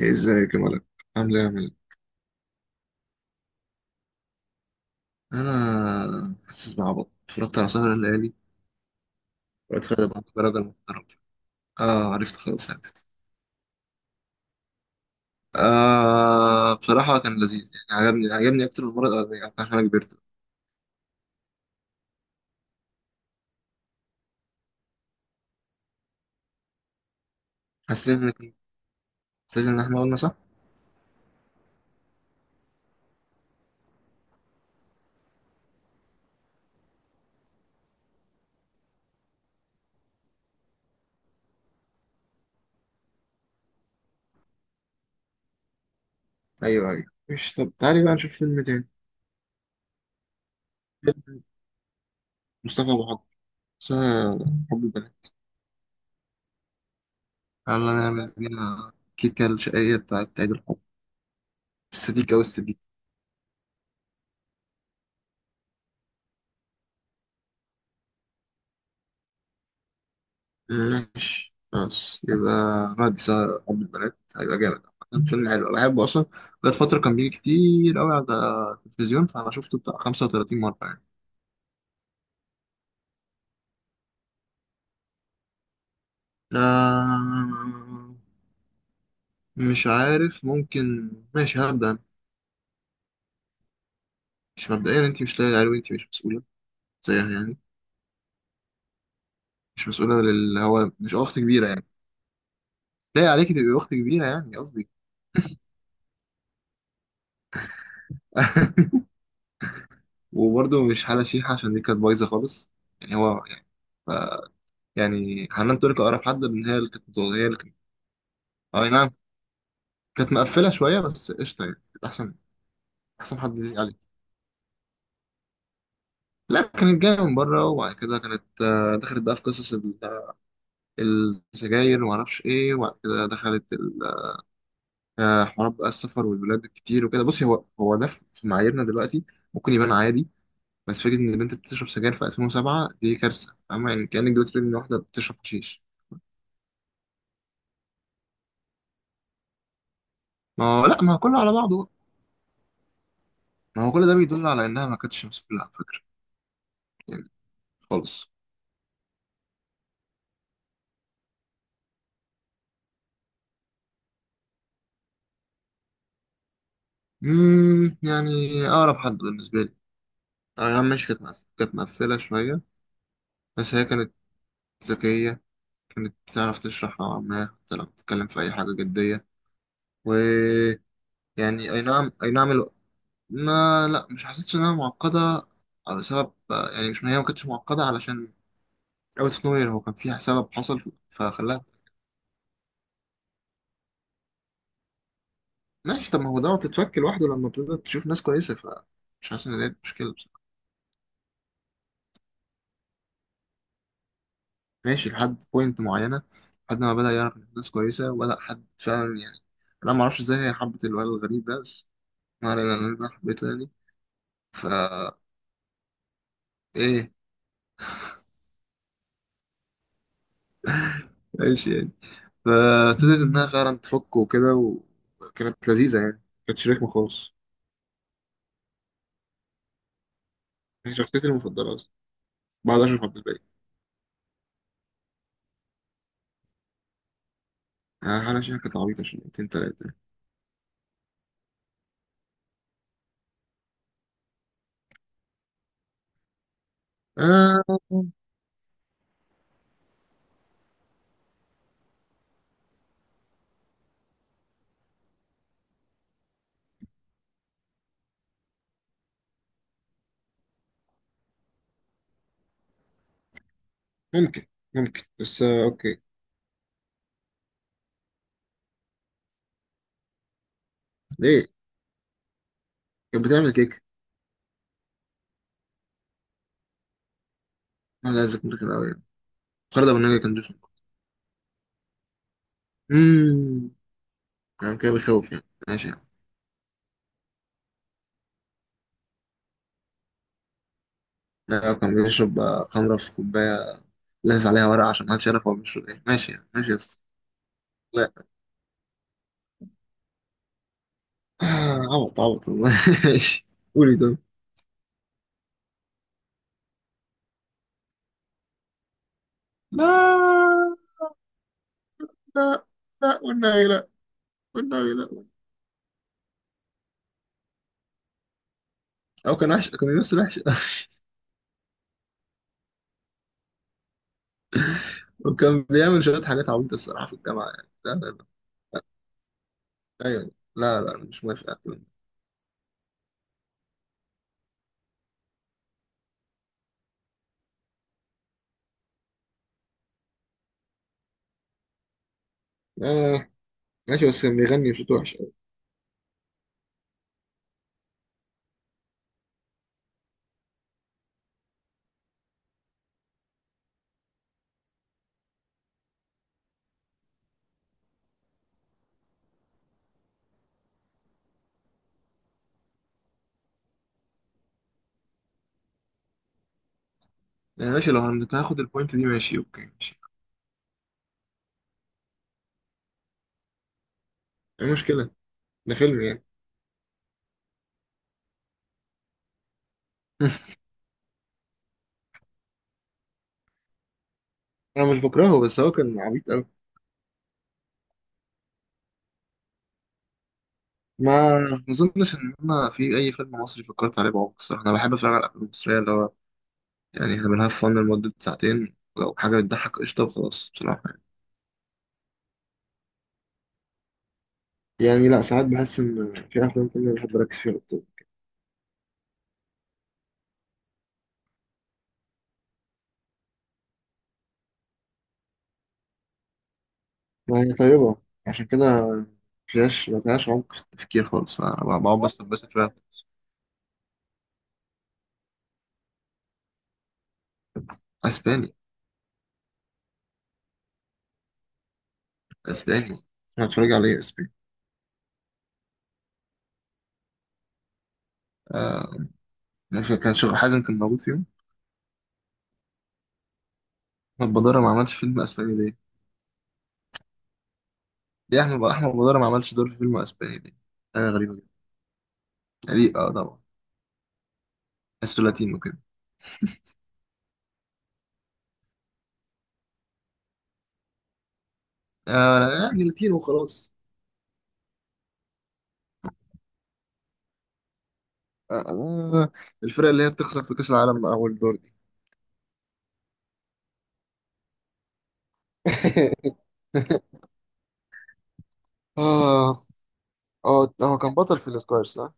ازيك يا ملك. عامل ايه يا ملك؟ انا حاسس بعبط، اتفرجت على سهر الليالي واتفرجت بقى درجة محترمة. اه، عرفت خلاص عرفت. آه بصراحة كان لذيذ، يعني عجبني أكتر من المرة الأولانية يعني عشان أنا كبرت. حسيت إن كان لازم، إن إحنا قلنا صح؟ أيوه أيوه. مش طب، تعالي بقى نشوف فيلم تاني. فيلم مصطفى أبو حضر، اسمها حب البنات. يلا نعمل بينا كيكة الشقية بتاعت عيد الحب، السديكة والسديكة. ماشي خلاص، يبقى نادي سهر حب البنات هيبقى جامد. عامة فيلم حلو أنا بحبه أصلا، بقالي فترة كان بيجي كتير أوي على التلفزيون فأنا شفته بتاع 35 مرة يعني. لا مش عارف، ممكن، ماشي هبدأ أنا. مش مبدئيا، أنت مش لاقي عليه، أنت مش مسؤولة زيها يعني، مش مسؤولة، هو مش أخت كبيرة يعني، لاقي عليكي تبقي أخت كبيرة يعني، قصدي. وبرضه مش حالة شيحة، عشان دي كانت بايظة خالص يعني، هو يعني حنان ترك أقرب حد، من هي اللي كانت هي اللي. اي نعم، كانت مقفله شويه بس قشطه يعني، كانت احسن، احسن حد يليق عليه. لا كانت جايه من بره، وبعد كده كانت، دخلت بقى في قصص، السجاير وما اعرفش ايه، وبعد كده دخلت حوارات بقى السفر والبلاد الكتير وكده. بصي، هو ده، في معاييرنا دلوقتي ممكن يبان عادي، بس فكره ان البنت بتشرب سجاير في 2007 دي كارثه، فاهمه يعني؟ كانك دلوقتي بتقول ان واحده بتشرب حشيش. ما هو لا، ما هو كله على بعضه بقى. ما هو كل ده بيدل على انها ما كانتش مسؤوله على فكره يعني، خالص. يعني اقرب حد بالنسبه لي. أغام، مش كانت كانت مقفلة شوية، بس هي كانت ذكية، كانت بتعرف تشرح نوعا ما، حتى لو بتتكلم في أي حاجة جدية ويعني. أي نعم، أي نعم ما لا، مش حسيتش إنها معقدة على سبب يعني، مش هي ما كانتش معقدة علشان أوت أوف نوير، هو كان فيها سبب حصل فخلاها. ماشي، طب ما هو دوت تتفك لوحده لما تبدأ تشوف ناس كويسة، فمش حاسس إن دي مشكلة بصراحة. ماشي لحد بوينت معينة، لحد ما بدأ يعرف ناس كويسة وبدأ حد فعلا يعني. أنا معرفش إزاي هي حبت الولد الغريب ده، بس ولا لا، أنا حبيته يعني. فا إيه؟ إيش يعني فابتديت إنها فعلا تفك وكده، وكانت لذيذة يعني، كانت رخمة خالص. هي شخصيتي المفضلة أصلا، بعد أشرف عبد الباقي. حالة شيحة كانت عبيطة شويتين تلاتة. آه ممكن ممكن بس، أوكي. ليه؟ كانت بتعمل كيك. ما لا ذكر كده أوي يعني. خالد أبو النجا كان رخم. أمم كان كده بيخوف يعني، ماشي يعني. لا كان بيشرب، خمرة في كوباية، لافف عليها ورق عشان محدش يعرف هو بيشرب إيه، ماشي يعني ماشي يا اسطى. عبط عبط والله. ماشي. قولي طب. لا لا لا، والنبي لا، والنبي لا. هو كان وحش، كان بيمثل وحش. وكان بيعمل شوية حاجات عبيطة الصراحة في الجامعة، يعني لا لا لا. أيوة. لا لا مش موافق على الكلام ده. آه ماشي. بس كان بيغني بصوت وحش أوي. يعني ماشي، لو كان هاخد البوينت دي، ماشي أوكي ماشي. إيه المشكلة؟ ده فيلم يعني. أنا مش بكرهه، بس هو كان عبيط أوي. ما أظنش إن أنا في أي فيلم مصري فكرت عليه بعمق الصراحة. أنا بحب أتفرج على الأفلام المصرية اللي هو يعني، احنا بنهاف فن لمدة ساعتين، لو حاجة بتضحك قشطة وخلاص بصراحة يعني. يعني لا، ساعات بحس ان في افلام كده بحب اركز فيها اكتر. ما هي طيبه عشان كده، مفيهاش، ما فيهاش عمق في التفكير خالص، فبقعد بس شويه. اسباني؟ اسباني؟ انا اتفرج عليه اسباني. آه ماشي، كان شيخ حازم كان موجود فيهم. احمد بدارة ما عملش فيلم اسباني ليه؟ ليه احمد بدارة ما عملش دور في فيلم اسباني ليه؟ حاجة غريبة جدا، يعني ليه، اه طبعا. بس لاتينو كده، آه يعني لاتينو وخلاص. آه، الفرقة اللي هي بتخسر في كأس العالم أول دور دي. اه اه، هو كان بطل في الاسكواش صح؟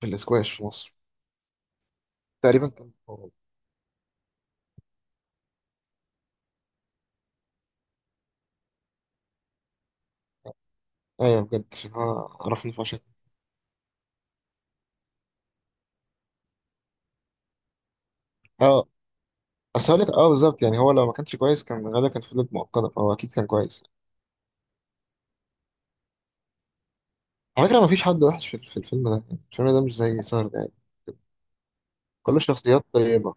في الاسكواش في مصر. تقريبا كان هو. ايوه بجد، عشان هو عرفني فشت. اه بس هقول لك، بالظبط يعني، هو لو ما كانش كويس كان غالبا كان فضلت مؤقتة، فهو اكيد كان كويس. على فكرة ما فيش حد وحش في الفيلم ده، يعني الفيلم ده مش زي سهر ده يعني، كل شخصيات طيبة.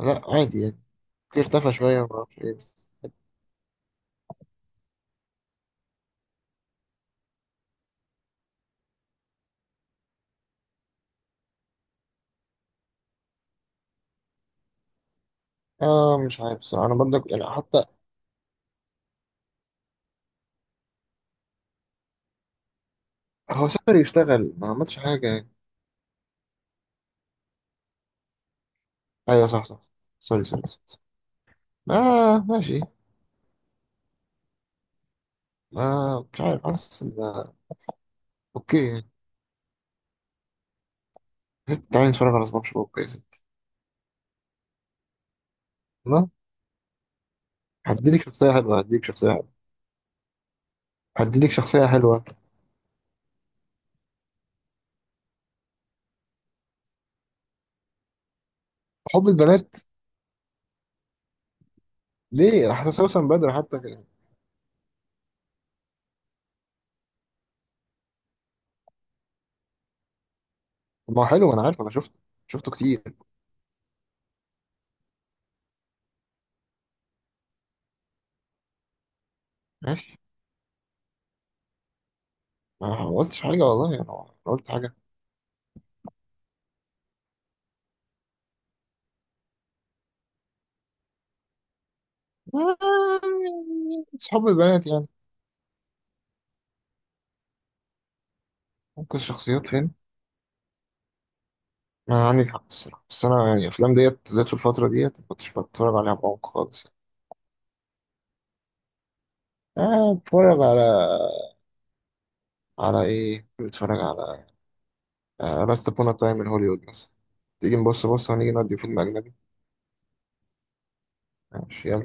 لا عادي يعني، كل اختفى شوية ما اعرفش ايه. اه مش عارف بصراحة انا برضك، يعني حتى هو سافر يشتغل ما عملش حاجة. ايوه صح صح، سوري سوري سوري. آه ماشي. آه مش عارف، حاسس ان، اوكي. ست تعالي نتفرج على سبونج بوب، اوكي يا ست؟ لا، هديلك شخصية حلوة، هديلك شخصية حلوة، هديلك شخصية حلوة. حب البنات. ليه؟ حاسس وسام بدر حتى كده. طب ما هو حلو ما انا عارف، انا شفته كتير. ماشي، ما قلتش حاجة والله، يعني انا قلت حاجة؟ بس حب البنات يعني، ممكن الشخصيات فين. ما عندك حق الصراحة، بس انا يعني الافلام ديت ذات في الفترة ديت ما كنتش بتفرج عليها بعمق خالص. آه، بتفرج على إيه؟ بتفرج على لاست بونا تايم من هوليوود مثلا. تيجي نبص، بص هنيجي نودي فيلم أجنبي. ماشي يلا.